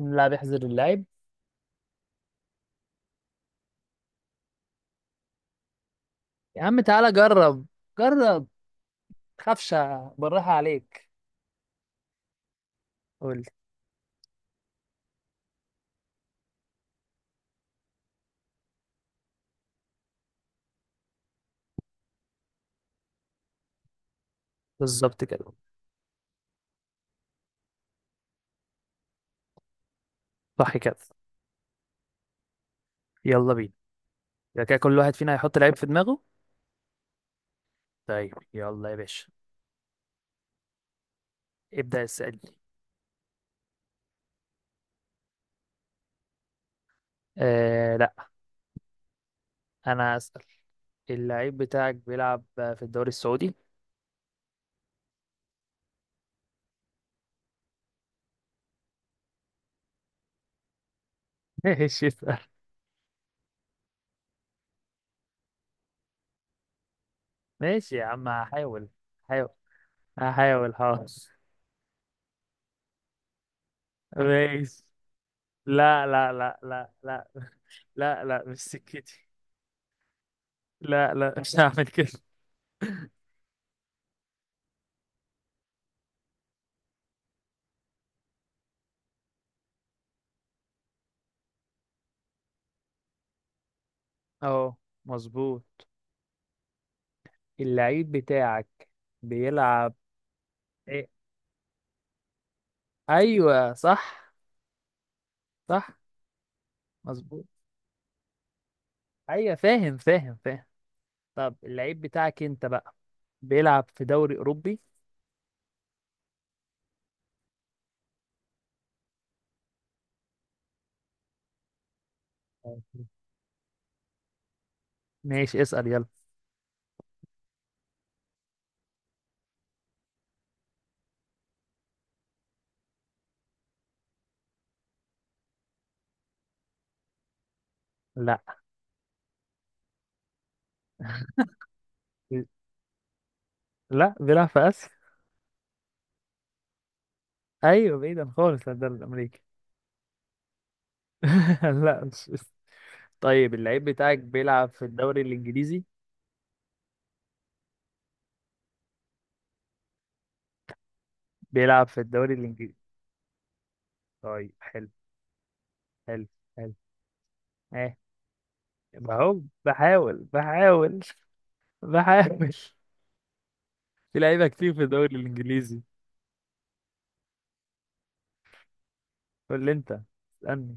إن اللاعب يحذر اللاعب. يا عم تعالى جرب. جرب. تخافش. بالراحة عليك. قول لي. بالظبط كده. صح كده. يلا بينا. يبقى كده كل واحد فينا هيحط لعيب في دماغه. طيب يلا يا باشا. ابدأ اسألني. آه لا. انا اسأل. اللعيب بتاعك بيلعب في الدوري السعودي. ماشي اسأل. ماشي يا عم هحاول. هحاول. هحاول حاضر. ماشي. لا. لا لا مش سكتي. لا لا مش هعمل كده. اه مظبوط. اللعيب بتاعك بيلعب إيه؟ ايوه صح. صح مظبوط. ايوه فاهم فاهم. طب اللعيب بتاعك انت بقى بيلعب في دوري اوروبي. أوكي. ماشي اسأل يلا. لا. لا بيلعب في اسيا. ايوه بعيدا خالص عن الدوري الامريكي. لا مش اسم. طيب اللعيب بتاعك بيلعب في الدوري الانجليزي. بيلعب في الدوري الانجليزي. طيب حلو. حلو حلو. اه. اهو بحاول بحاول. بحاول. في لعيبه كتير في الدوري الانجليزي. قول لي انت. اسالني.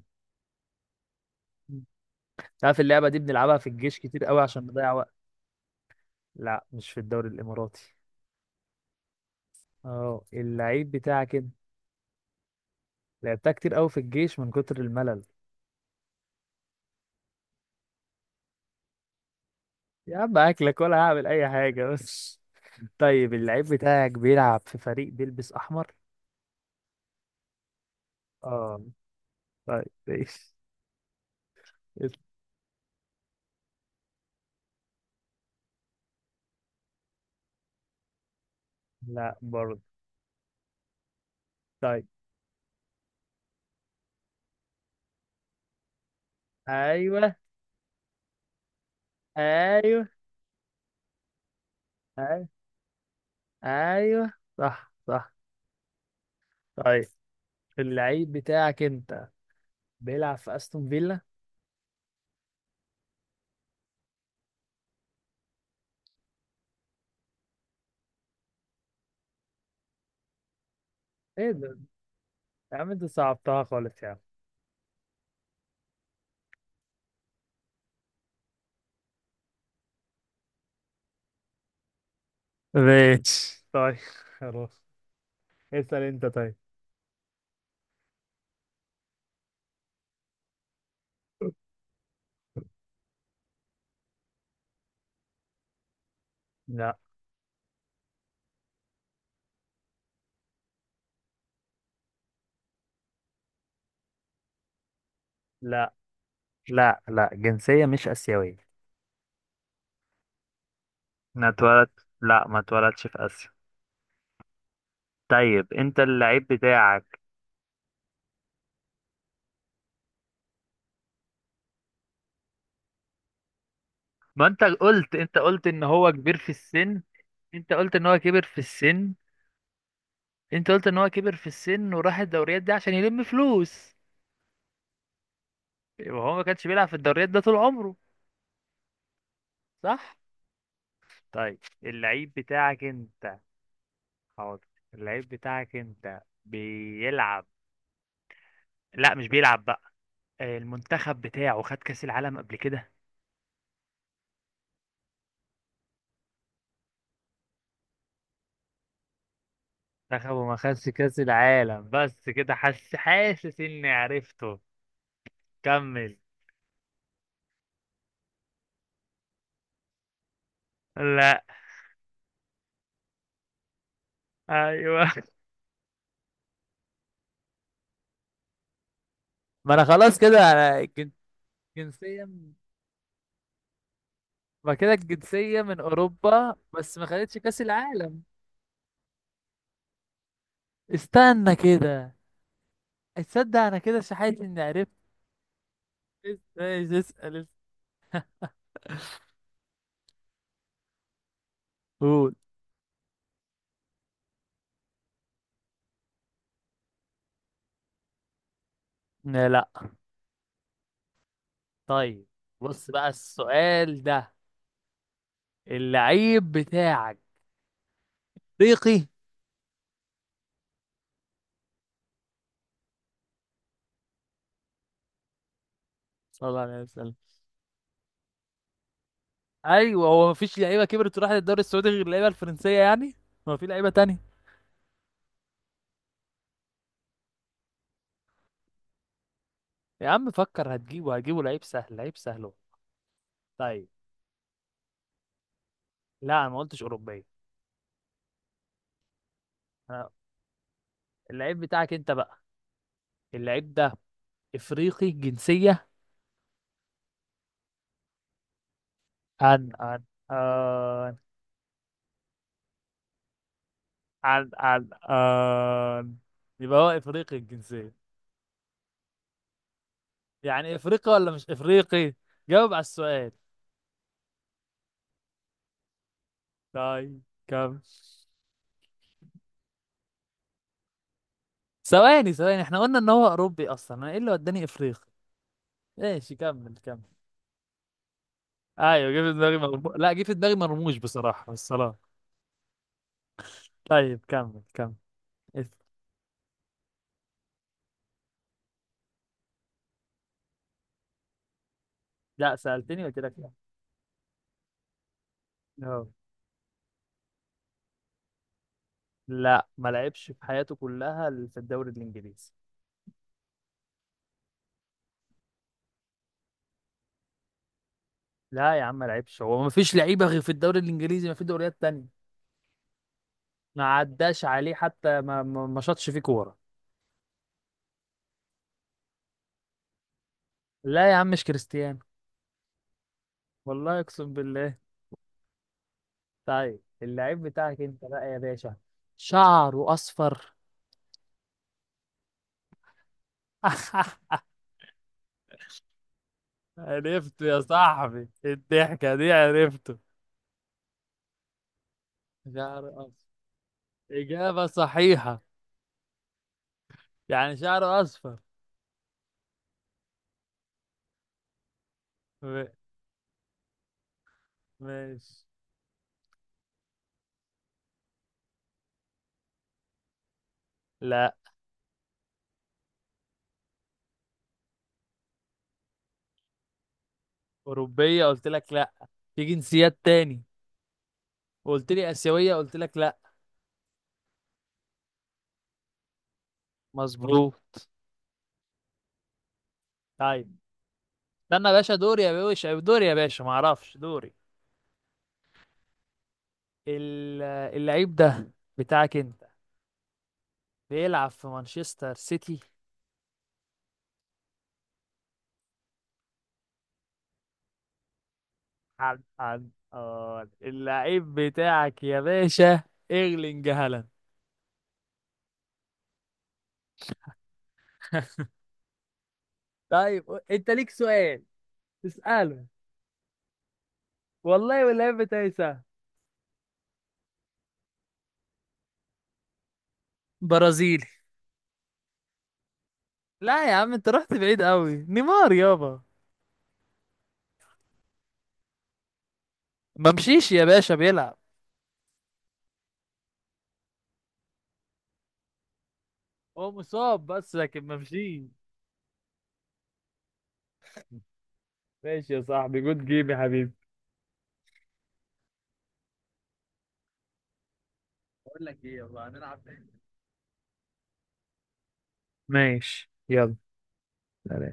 تعرف اللعبه دي بنلعبها في الجيش كتير قوي عشان نضيع وقت. لا مش في الدوري الاماراتي. اه اللعيب بتاعك انت. لعبتها كتير قوي في الجيش من كتر الملل. يا عم اكلك ولا هعمل اي حاجه بس. طيب اللعيب بتاعك بيلعب في فريق بيلبس احمر. اه طيب ماشي. لا برضه. طيب. ايوه ايوه ايوه. ايوه صح صح. طيب اللعيب بتاعك انت بيلعب في استون فيلا. ايه ده. يا عم انت صعبتها خالص يا عم. ماشي طيب. خلاص اسال انت طيب. لا لا لا. جنسية مش آسيوية. ما اتولد. لا ما اتولدش في آسيا. طيب انت اللعيب بتاعك. ما انت قلت. انت قلت ان هو كبير في السن. انت قلت ان هو كبر في السن. انت قلت ان هو كبر في السن وراح الدوريات دي عشان يلم فلوس. يبقى هو ما كانش بيلعب في الدوريات ده طول عمره. صح. طيب اللعيب بتاعك انت. حاضر. اللعيب بتاعك انت بيلعب. لا مش بيلعب بقى. المنتخب بتاعه خد كأس العالم قبل كده. منتخبه ما خدش كأس العالم بس كده حاسس. حاسس اني عرفته. كمل. لا. ايوه. ما انا خلاص كده انا الجن- جنسية من- ما كده الجنسية من اوروبا بس ما خدتش كاس العالم. استنى كده. اتصدق انا كده شحيت اني عرفت. ايش اسال قول. لا لا. طيب بص بقى السؤال ده. اللعيب بتاعك افريقي. صلى الله عليه وسلم. ايوه هو مفيش لعيبه كبرت وراحت الدوري السعودي غير اللعيبه الفرنسيه يعني. ما في لعيبه تانية. يا عم فكر. هتجيبه هتجيبه. لعيب سهل. لعيب سهل هو. طيب. لا انا ما قلتش اوروبيه. أنا- اللعيب بتاعك انت بقى. اللعيب ده افريقي جنسيه. عن عن عن عن عن, عن. يبقى هو افريقي الجنسيه. يعني افريقي ولا مش افريقي؟ جاوب على السؤال. طيب. كم. ثواني ثواني. احنا قلنا ان هو اوروبي اصلا، انا ايه اللي وداني افريقيا؟ ماشي كمل كمل. ايوه جه في دماغي مرموش. لا جه في دماغي مرموش بصراحه بس خلاص. طيب كمل كمل. اس- لا سالتني قلت لك لا. أهو. لا ما لعبش في حياته كلها في الدوري الانجليزي. لا يا عم ما لعبش. هو ما فيش لعيبه غير في الدوري الانجليزي؟ ما في دوريات تانية؟ ما عداش عليه حتى ما ما شاطش فيه كوره. لا يا عم مش كريستيانو. والله اقسم بالله. طيب اللعيب بتاعك انت بقى يا باشا. شعره اصفر. عرفته يا صاحبي. الضحكة دي عرفته. شعر أصفر. إجابة صحيحة. يعني شعر أصفر. م- ماشي. لا. أوروبية قلت لك لا. في جنسيات تاني. قلت لي آسيوية قلت لك لا. مظبوط. طيب استنى يا باشا. دوري يا باشا. دوري يا باشا معرفش دوري. ال- اللعيب ده بتاعك أنت بيلعب في مانشستر سيتي. عن عن آه اللعيب بتاعك يا باشا. ايرلينج هالاند. طيب انت ليك سؤال تسأله. والله واللعب بتاعي سهل. برازيلي. لا يا عم انت رحت بعيد قوي. نيمار يابا. ما مشيش يا باشا بيلعب. هو مصاب بس لكن ما مشيش. ماشي يا صاحبي. جود جيم يا حبيبي. بقول لك ايه، يلا هنلعب تاني. ماشي يلا. سلام.